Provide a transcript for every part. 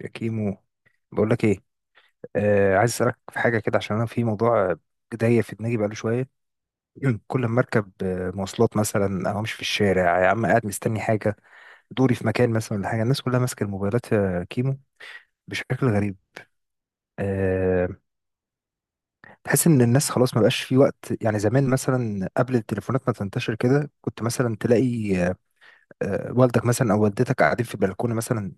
يا كيمو، بقول لك ايه. عايز اسالك في حاجه كده، عشان انا في موضوع داير في دماغي بقاله شويه. كل ما اركب مواصلات مثلا او امشي في الشارع يا عم، قاعد مستني حاجه، دوري في مكان مثلا ولا حاجه، الناس كلها ماسكه الموبايلات يا كيمو، بشكل غريب. آه تحس ان الناس خلاص ما بقاش في وقت. يعني زمان مثلا قبل التليفونات ما تنتشر كده، كنت مثلا تلاقي والدك مثلا او والدتك قاعدين في البلكونه مثلا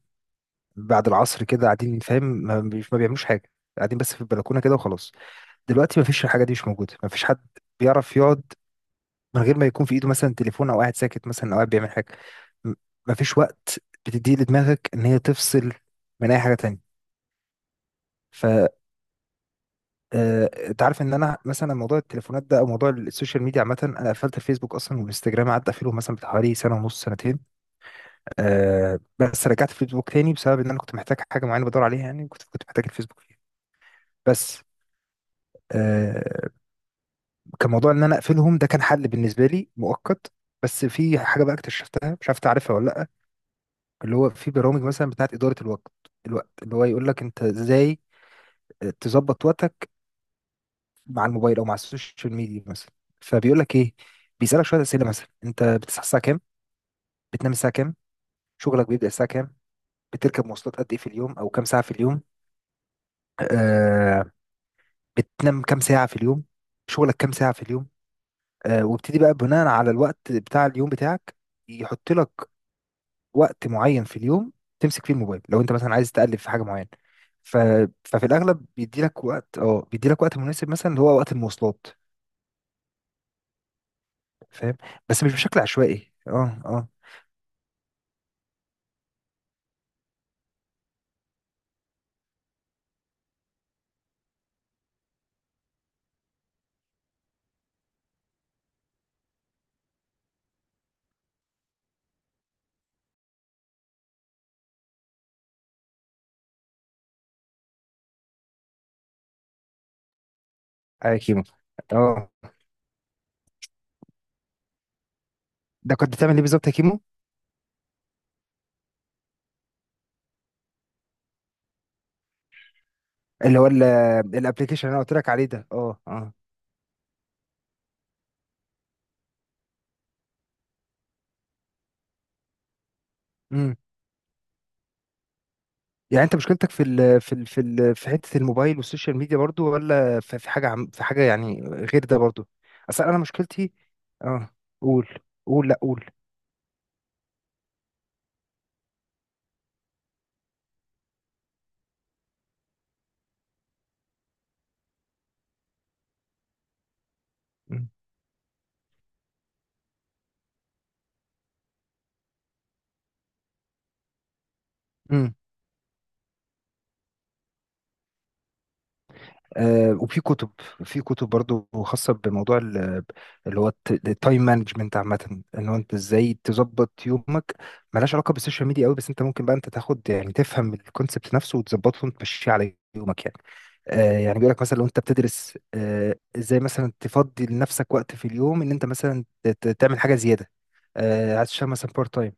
بعد العصر كده، قاعدين فاهم، ما بيعملوش حاجه، قاعدين بس في البلكونه كده وخلاص. دلوقتي مفيش، الحاجه دي مش موجوده، مفيش حد بيعرف يقعد من غير ما يكون في ايده مثلا تليفون، او قاعد ساكت مثلا، او قاعد بيعمل حاجه. م- مفيش وقت بتديه لدماغك ان هي تفصل من اي حاجه تانية. ف آه، انت عارف ان انا مثلا موضوع التليفونات ده او موضوع السوشيال ميديا عامه، انا قفلت الفيسبوك اصلا والانستجرام، قعدت اقفله مثلا بتاع حوالي سنه ونص، سنتين. أه بس رجعت الفيسبوك تاني بسبب ان انا كنت محتاج حاجه معينه بدور عليها، يعني كنت محتاج الفيسبوك فيها بس. آه، كان موضوع ان انا اقفلهم ده كان حل بالنسبه لي مؤقت. بس في حاجه بقى اكتشفتها مش عارف تعرفها ولا لا. اللي هو في برامج مثلا بتاعت اداره الوقت، الوقت اللي هو يقول لك انت ازاي تظبط وقتك مع الموبايل او مع السوشيال ميديا مثلا. فبيقول لك ايه، بيسالك شويه اسئله: مثلا انت بتصحى الساعه كام، بتنام الساعه كام، شغلك بيبدا الساعه كام، بتركب مواصلات قد ايه في اليوم او كام ساعه في اليوم، آه بتنام كام ساعه في اليوم، شغلك كام ساعه في اليوم. وابتدي بقى بناء على الوقت بتاع اليوم بتاعك، يحط لك وقت معين في اليوم تمسك فيه الموبايل لو انت مثلا عايز تقلب في حاجه معينه. ف... ففي الاغلب بيدي لك وقت، اه بيدي لك وقت مناسب مثلا اللي هو وقت المواصلات. فاهم. بس مش بشكل عشوائي. اه، اه. ايوه كيمو. اه. ده كنت بتعمل ايه بالظبط يا كيمو؟ اللي هو الابلكيشن اللي انا قلت لك عليه ده. اه، اه. امم. يعني انت مشكلتك في حته الموبايل والسوشيال ميديا برضو، ولا في حاجه، عم في حاجه يعني غير ده برضو؟ اصل انا مشكلتي، اه. قول، قول، لا قول. امم. وفي كتب، في كتب برضو خاصة اللي هو التايم مانجمنت عامة، ان هو انت ازاي تظبط يومك. ملهاش علاقة بالسوشيال ميديا قوي، بس انت ممكن بقى انت تاخد، يعني تفهم الكونسبت نفسه وتظبطه وتمشيه على يومك يعني. يعني بيقول لك مثلا لو انت بتدرس، ازاي مثلا تفضي لنفسك وقت في اليوم ان انت مثلا تعمل حاجة زيادة، عايز تشتغل مثلا بارت تايم.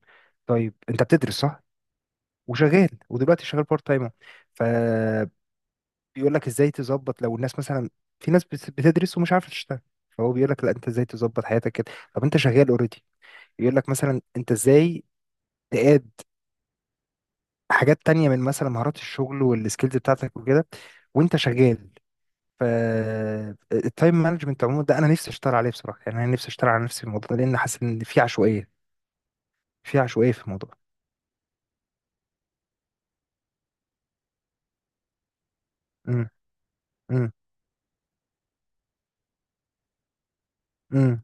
طيب انت بتدرس صح وشغال، ودلوقتي شغال بارت تايم. بيقول لك ازاي تظبط. لو الناس مثلا، في ناس بتدرس ومش عارفه تشتغل، فهو بيقول لك لا، انت ازاي تظبط حياتك كده. طب انت شغال اوريدي، يقول لك مثلا انت ازاي تقاد حاجات تانية من مثلا مهارات الشغل والسكيلز بتاعتك وكده وانت شغال. ف التايم مانجمنت عموما ده انا نفسي اشتغل عليه بصراحه، يعني انا نفسي اشتغل على نفسي في الموضوع ده، لان حاسس ان في عشوائيه. في عشوائيه في الموضوع. امم. امم. امم.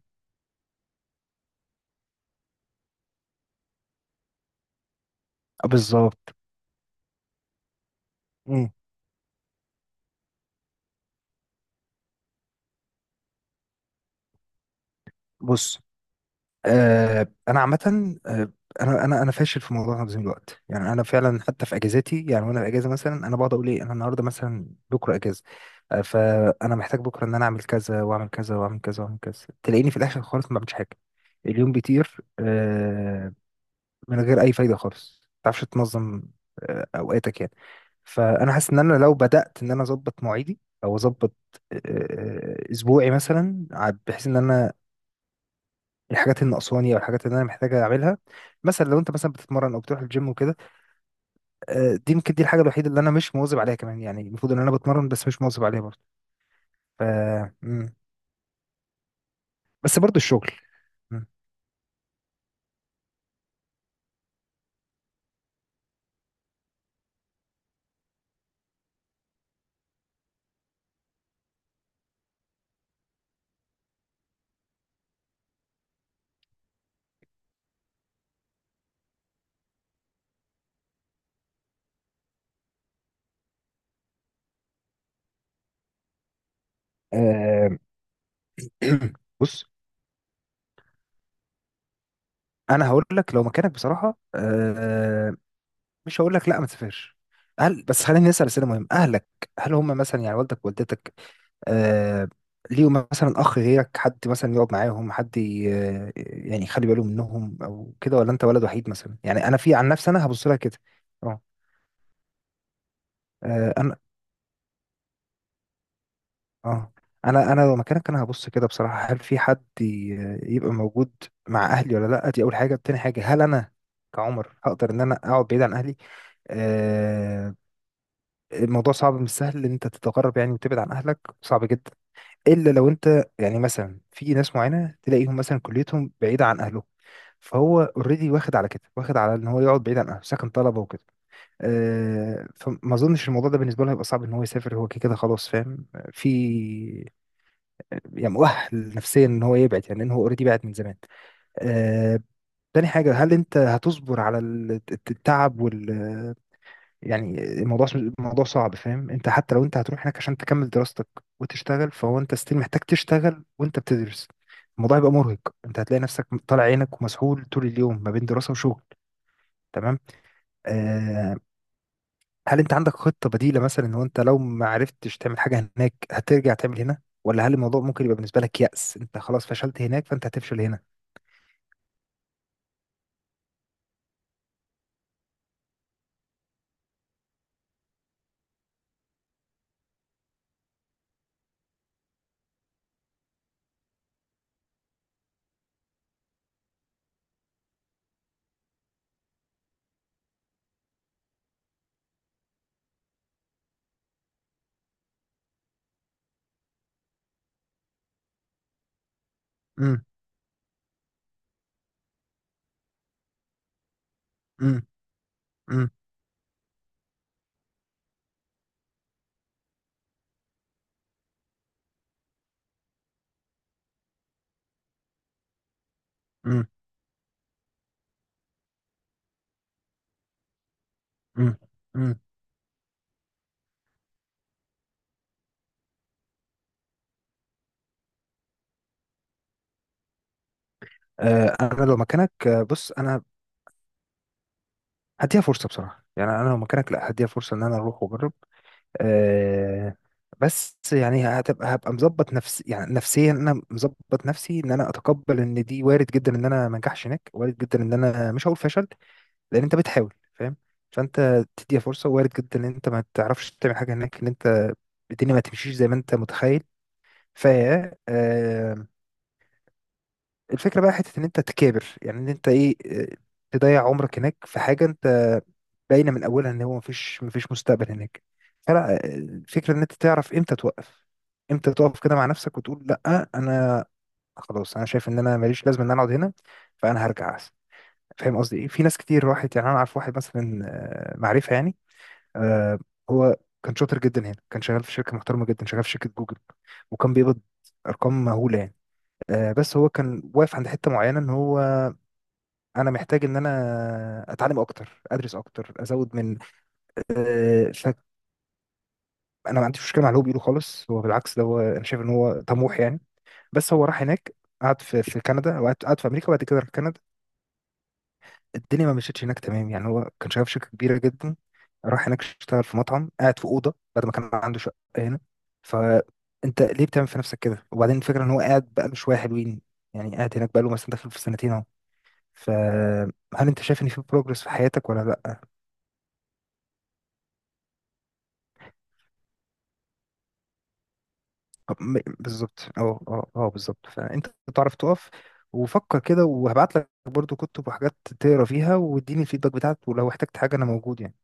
بالظبط. امم. بص. انا عامه، آه، انا انا فاشل في موضوع تنظيم الوقت. يعني انا فعلا حتى في اجازاتي، يعني وانا في اجازه مثلا انا بقعد اقول ايه، انا النهارده مثلا، بكره اجازه، فانا محتاج بكره ان انا اعمل كذا، واعمل كذا، واعمل كذا، واعمل كذا، تلاقيني في الاخر خالص ما بعملش حاجه. اليوم بيطير من غير اي فايده خالص. ما تعرفش تنظم اوقاتك يعني. فانا حاسس ان انا لو بدات ان انا اظبط مواعيدي او اظبط اسبوعي مثلا، بحيث ان انا الحاجات اللي ناقصاني او الحاجات اللي انا محتاجه اعملها. مثلا لو انت مثلا بتتمرن او بتروح الجيم وكده، دي يمكن دي الحاجه الوحيده اللي انا مش مواظب عليها كمان، يعني المفروض ان انا بتمرن بس مش مواظب عليها برضه. ف مم. بس برضه الشغل. مم. آه، بص، انا هقول لك لو مكانك بصراحه، مش هقول لك لا ما تسافرش، هل، بس خليني اسال اسئله مهمه. اهلك هل هم مثلا، يعني والدك ووالدتك، آه ليه مثلا اخ غيرك، حد مثلا يقعد معاهم، حد يعني يخلي باله منهم او كده، ولا انت ولد وحيد مثلا؟ يعني انا في عن نفسي انا هبص لها كده. اه. انا، اه، انا لو مكانك، انا هبص كده بصراحه: هل في حد يبقى موجود مع اهلي ولا لا؟ دي اول حاجه. تاني حاجه، هل انا كعمر هقدر ان انا اقعد بعيد عن اهلي؟ آه الموضوع صعب، مش سهل ان انت تتغرب يعني وتبعد عن اهلك، صعب جدا. الا لو انت يعني مثلا، في ناس معينه تلاقيهم مثلا كليتهم بعيده عن اهلهم، فهو اوريدي واخد على كده، واخد على ان هو يقعد بعيد عن اهله، ساكن طلبه وكده. فما اظنش الموضوع ده بالنسبه له هيبقى صعب ان هو يسافر، هو كده كده خلاص فاهم، في يعني مؤهل نفسيا ان هو يبعد، يعني ان هو اوريدي بعد من زمان. آه، تاني حاجه، هل انت هتصبر على التعب وال، يعني الموضوع، الموضوع صعب فاهم. انت حتى لو انت هتروح هناك عشان تكمل دراستك وتشتغل، فهو انت ستيل محتاج تشتغل وانت بتدرس، الموضوع هيبقى مرهق. انت هتلاقي نفسك طالع عينك ومسحول طول اليوم ما بين دراسة وشغل. تمام. آه هل انت عندك خطة بديلة مثلا، ان هو انت لو ما عرفتش تعمل حاجة هناك هترجع تعمل هنا، ولا هل الموضوع ممكن يبقى بالنسبة لك يأس، انت خلاص فشلت هناك فانت هتفشل هنا؟ امم. امم. امم. امم. امم. امم. انا لو مكانك، بص، انا هديها فرصة بصراحة. يعني انا لو مكانك، لا هديها فرصة ان انا اروح واجرب. آه بس يعني هبقى مظبط نفسي، يعني نفسيا انا مظبط نفسي ان انا اتقبل ان دي وارد جدا ان انا ما انجحش هناك. وارد جدا، ان انا مش هقول فشل لان انت بتحاول فاهم. فانت تديها فرصه، وارد جدا ان انت ما تعرفش تعمل حاجه هناك، ان انت الدنيا ما تمشيش زي ما انت متخيل. ف آه، الفكره بقى حته ان انت تكابر، يعني ان انت ايه، تضيع عمرك هناك في حاجه انت باينه من اولها ان هو مفيش مستقبل هناك، فلا. الفكره ان انت تعرف امتى توقف، امتى تقف كده مع نفسك وتقول لا، انا خلاص، انا شايف ان انا ماليش لازمه ان انا اقعد هنا، فانا هرجع احسن. فاهم قصدي ايه. في ناس كتير راحت، يعني انا اعرف واحد مثلا، معرفه يعني، آه هو كان شاطر جدا هنا، كان شغال في شركة محترمة جدا، شغال في شركة جوجل وكان بيقبض أرقام مهولة يعني. بس هو كان واقف عند حتة معينة إن هو أنا محتاج إن أنا أتعلم أكتر، أدرس أكتر، أزود من، آه فأنا ما عنديش مشكلة مع اللي هو بيقوله خالص، هو بالعكس ده، هو أنا شايف إن هو طموح يعني. بس هو راح هناك، قعد في كندا، وقعد، قعد في أمريكا، وبعد كده راح كندا، الدنيا ما مشيتش هناك تمام. يعني هو كان شغال في شركة كبيرة جدا، راح هناك اشتغل في مطعم، قاعد في أوضة بعد ما كان عنده شقة هنا. فأنت ليه بتعمل في نفسك كده؟ وبعدين الفكرة إن هو قاعد بقاله شوية حلوين، يعني قاعد هناك بقاله مثلا داخل في سنتين أهو. فهل أنت شايف إن في بروجرس في حياتك ولا لأ؟ بالظبط. أه أه أه بالظبط. فأنت تعرف تقف. وفكر كده، وهبعت لك برضو كتب وحاجات تقرا فيها واديني الفيدباك بتاعك، ولو احتجت حاجة أنا موجود يعني.